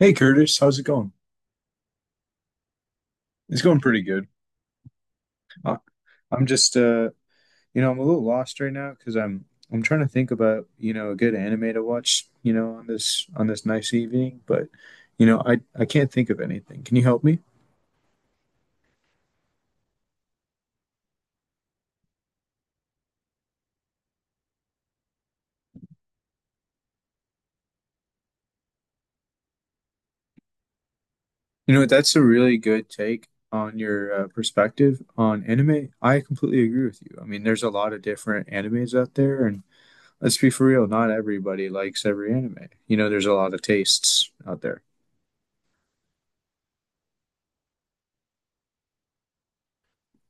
Hey Curtis, how's it going? It's going pretty good. I, I'm just you know, I'm a little lost right now because I'm trying to think about, you know, a good anime to watch, you know, on this nice evening, but you know, I can't think of anything. Can you help me? You know, that's a really good take on your perspective on anime. I completely agree with you. I mean, there's a lot of different animes out there, and let's be for real, not everybody likes every anime. You know, there's a lot of tastes out there.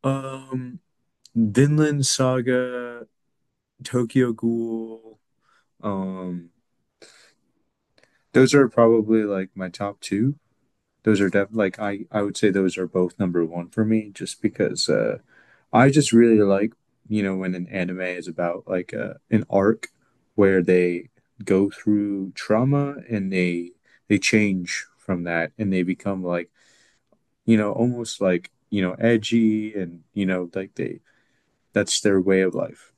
Um, Vinland Saga, Tokyo Ghoul. Um, those are probably like my top two. Those are def like I would say those are both number one for me, just because I just really like you know when an anime is about like an arc where they go through trauma and they change from that and they become like you know, almost like, you know, edgy and, you know, like they, that's their way of life.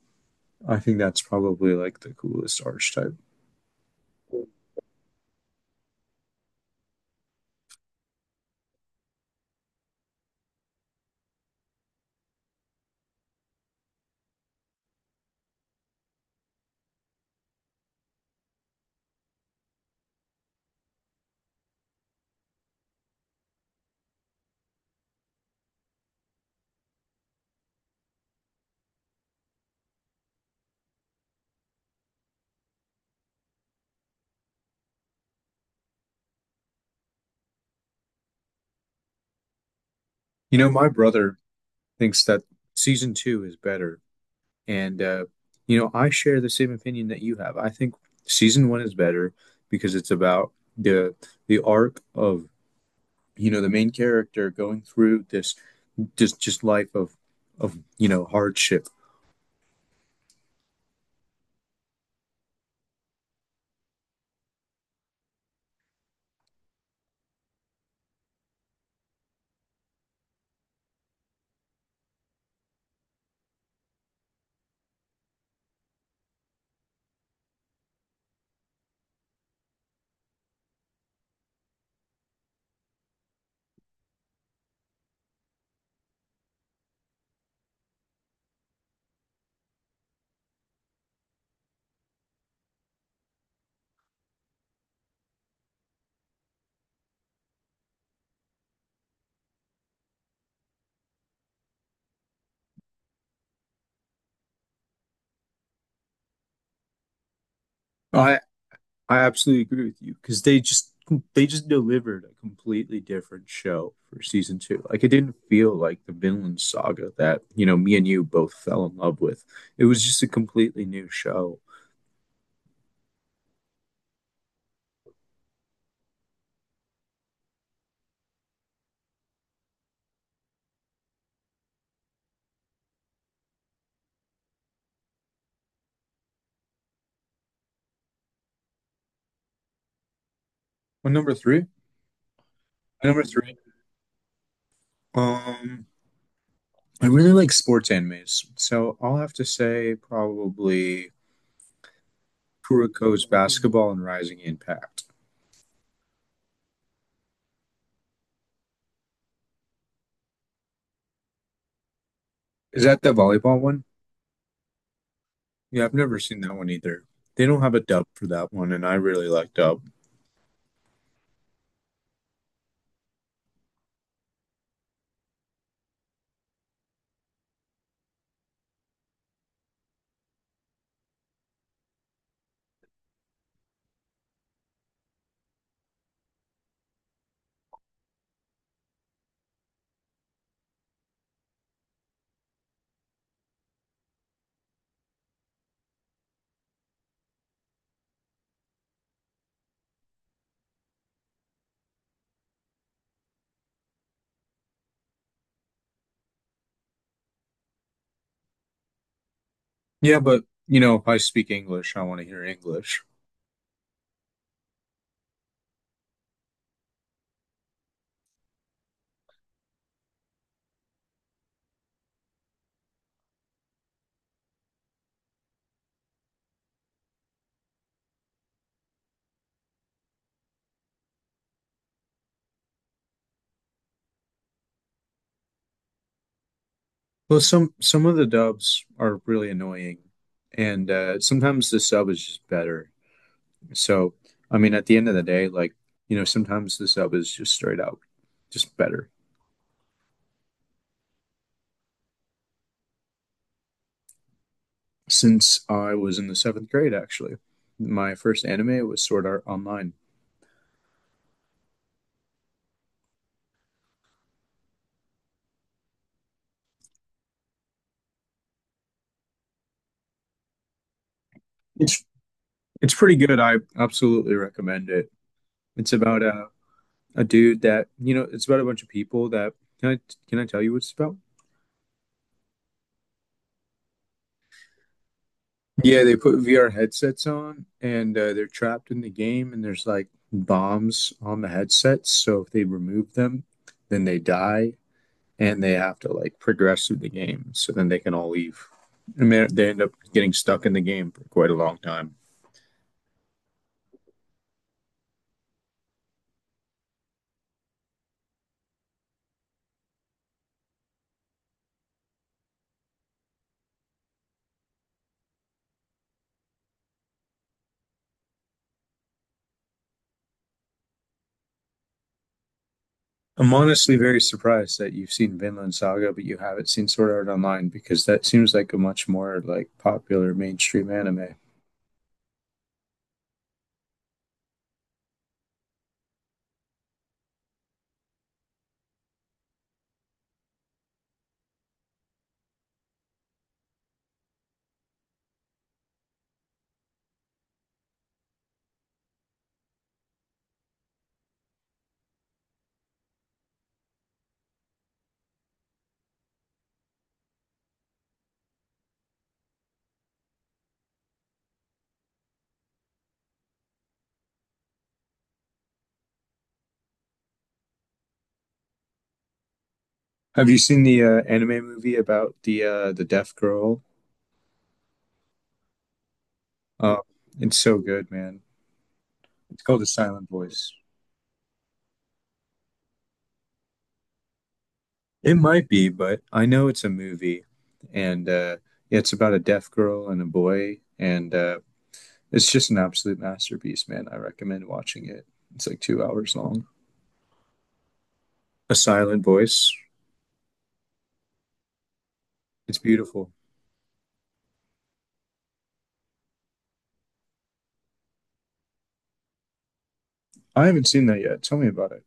I think that's probably like the coolest archetype. You know, my brother thinks that season two is better. And, you know, I share the same opinion that you have. I think season one is better because it's about the the arc of, you know, the main character going through this just life of, you know, hardship. I I absolutely agree with you because they just delivered a completely different show for season two. Like it didn't feel like the Vinland Saga that you know me and you both fell in love with. It was just a completely new show. Well, number three, number three. Um, I really like sports animes, so I'll have to say probably Kuroko's Basketball and Rising Impact. Is that the volleyball one? Yeah, I've never seen that one either. They don't have a dub for that one, and I really like dub. Yeah, but you know, if I speak English, I want to hear English. Well, some of the dubs are really annoying, and sometimes the sub is just better. So, I mean, at the end of the day, like you know, sometimes the sub is just straight out just better. Since I was in the seventh grade, actually, my first anime was Sword Art Online. It's it's pretty good. I absolutely recommend it. It's about a dude that you know it's about a bunch of people that can I can I tell you what it's about? Yeah, they put VR headsets on and they're trapped in the game, and there's like bombs on the headsets. So if they remove them, then they die and they have to like progress through the game. So then they can all leave. And they end up getting stuck in the game for quite a long time. I'm honestly very surprised that you've seen Vinland Saga, but you haven't seen Sword Art Online because that seems like a much more like popular mainstream anime. Have you seen the anime movie about the deaf girl? Uh, it's so good, man. It's called The Silent Voice. It might be, but I know it's a movie, and yeah, it's about a deaf girl and a boy, and it's just an absolute masterpiece, man. I recommend watching it. It's like 2 hours long. A Silent Voice. It's beautiful. I haven't seen that yet. Tell me about it.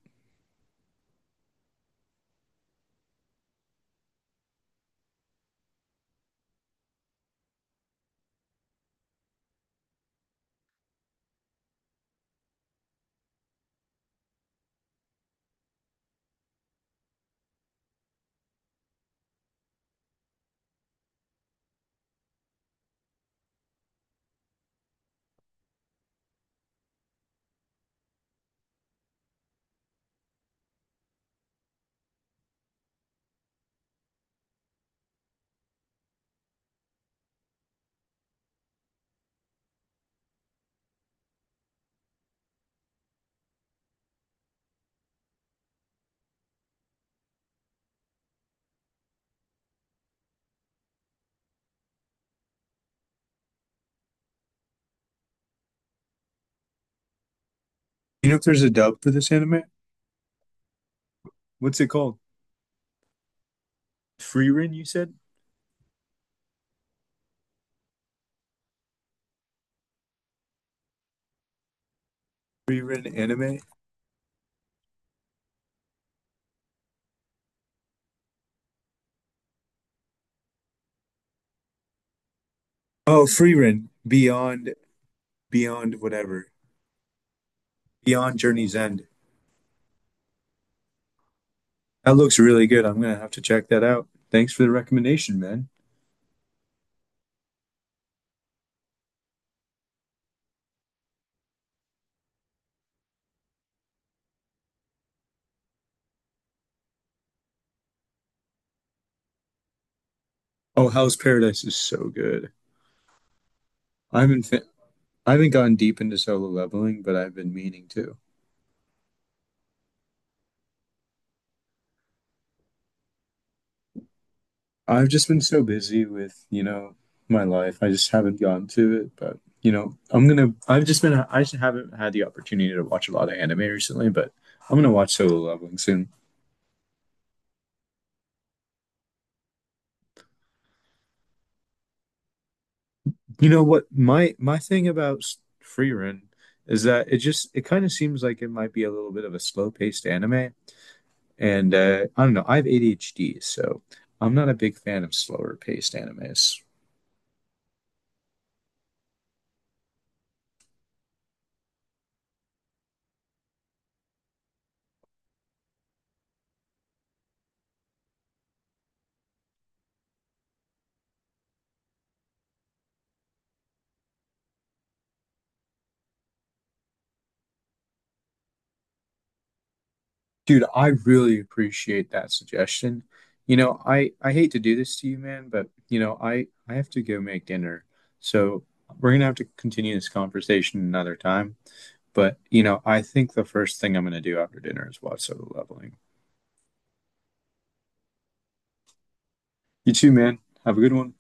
You know if there's a dub for this anime? What's it called? Free Rin, you said? Free Rin anime? Oh, Free Rin. Beyond Beyond whatever, Beyond Journey's End. That looks really good. I'm gonna have to check that out. Thanks for the recommendation, man. Oh, Hell's Paradise is so good. I haven't fin- I haven't gone deep into solo leveling, but I've been meaning to. I've just been so busy with, you know, my life. I just haven't gotten to it, but you know, I'm gonna. I've just been. I just haven't had the opportunity to watch a lot of anime recently, but I'm gonna watch solo leveling soon. You know what my thing about Free Run is that it just it kind of seems like it might be a little bit of a slow-paced anime. And I don't know, I have ADHD, so I'm not a big fan of slower paced animes. Dude, I really appreciate that suggestion. You know, I hate to do this to you, man, but you know, I have to go make dinner. So we're gonna have to continue this conversation another time. But you know, I think the first thing I'm gonna do after dinner is watch Solo Leveling. You too, man. Have a good one.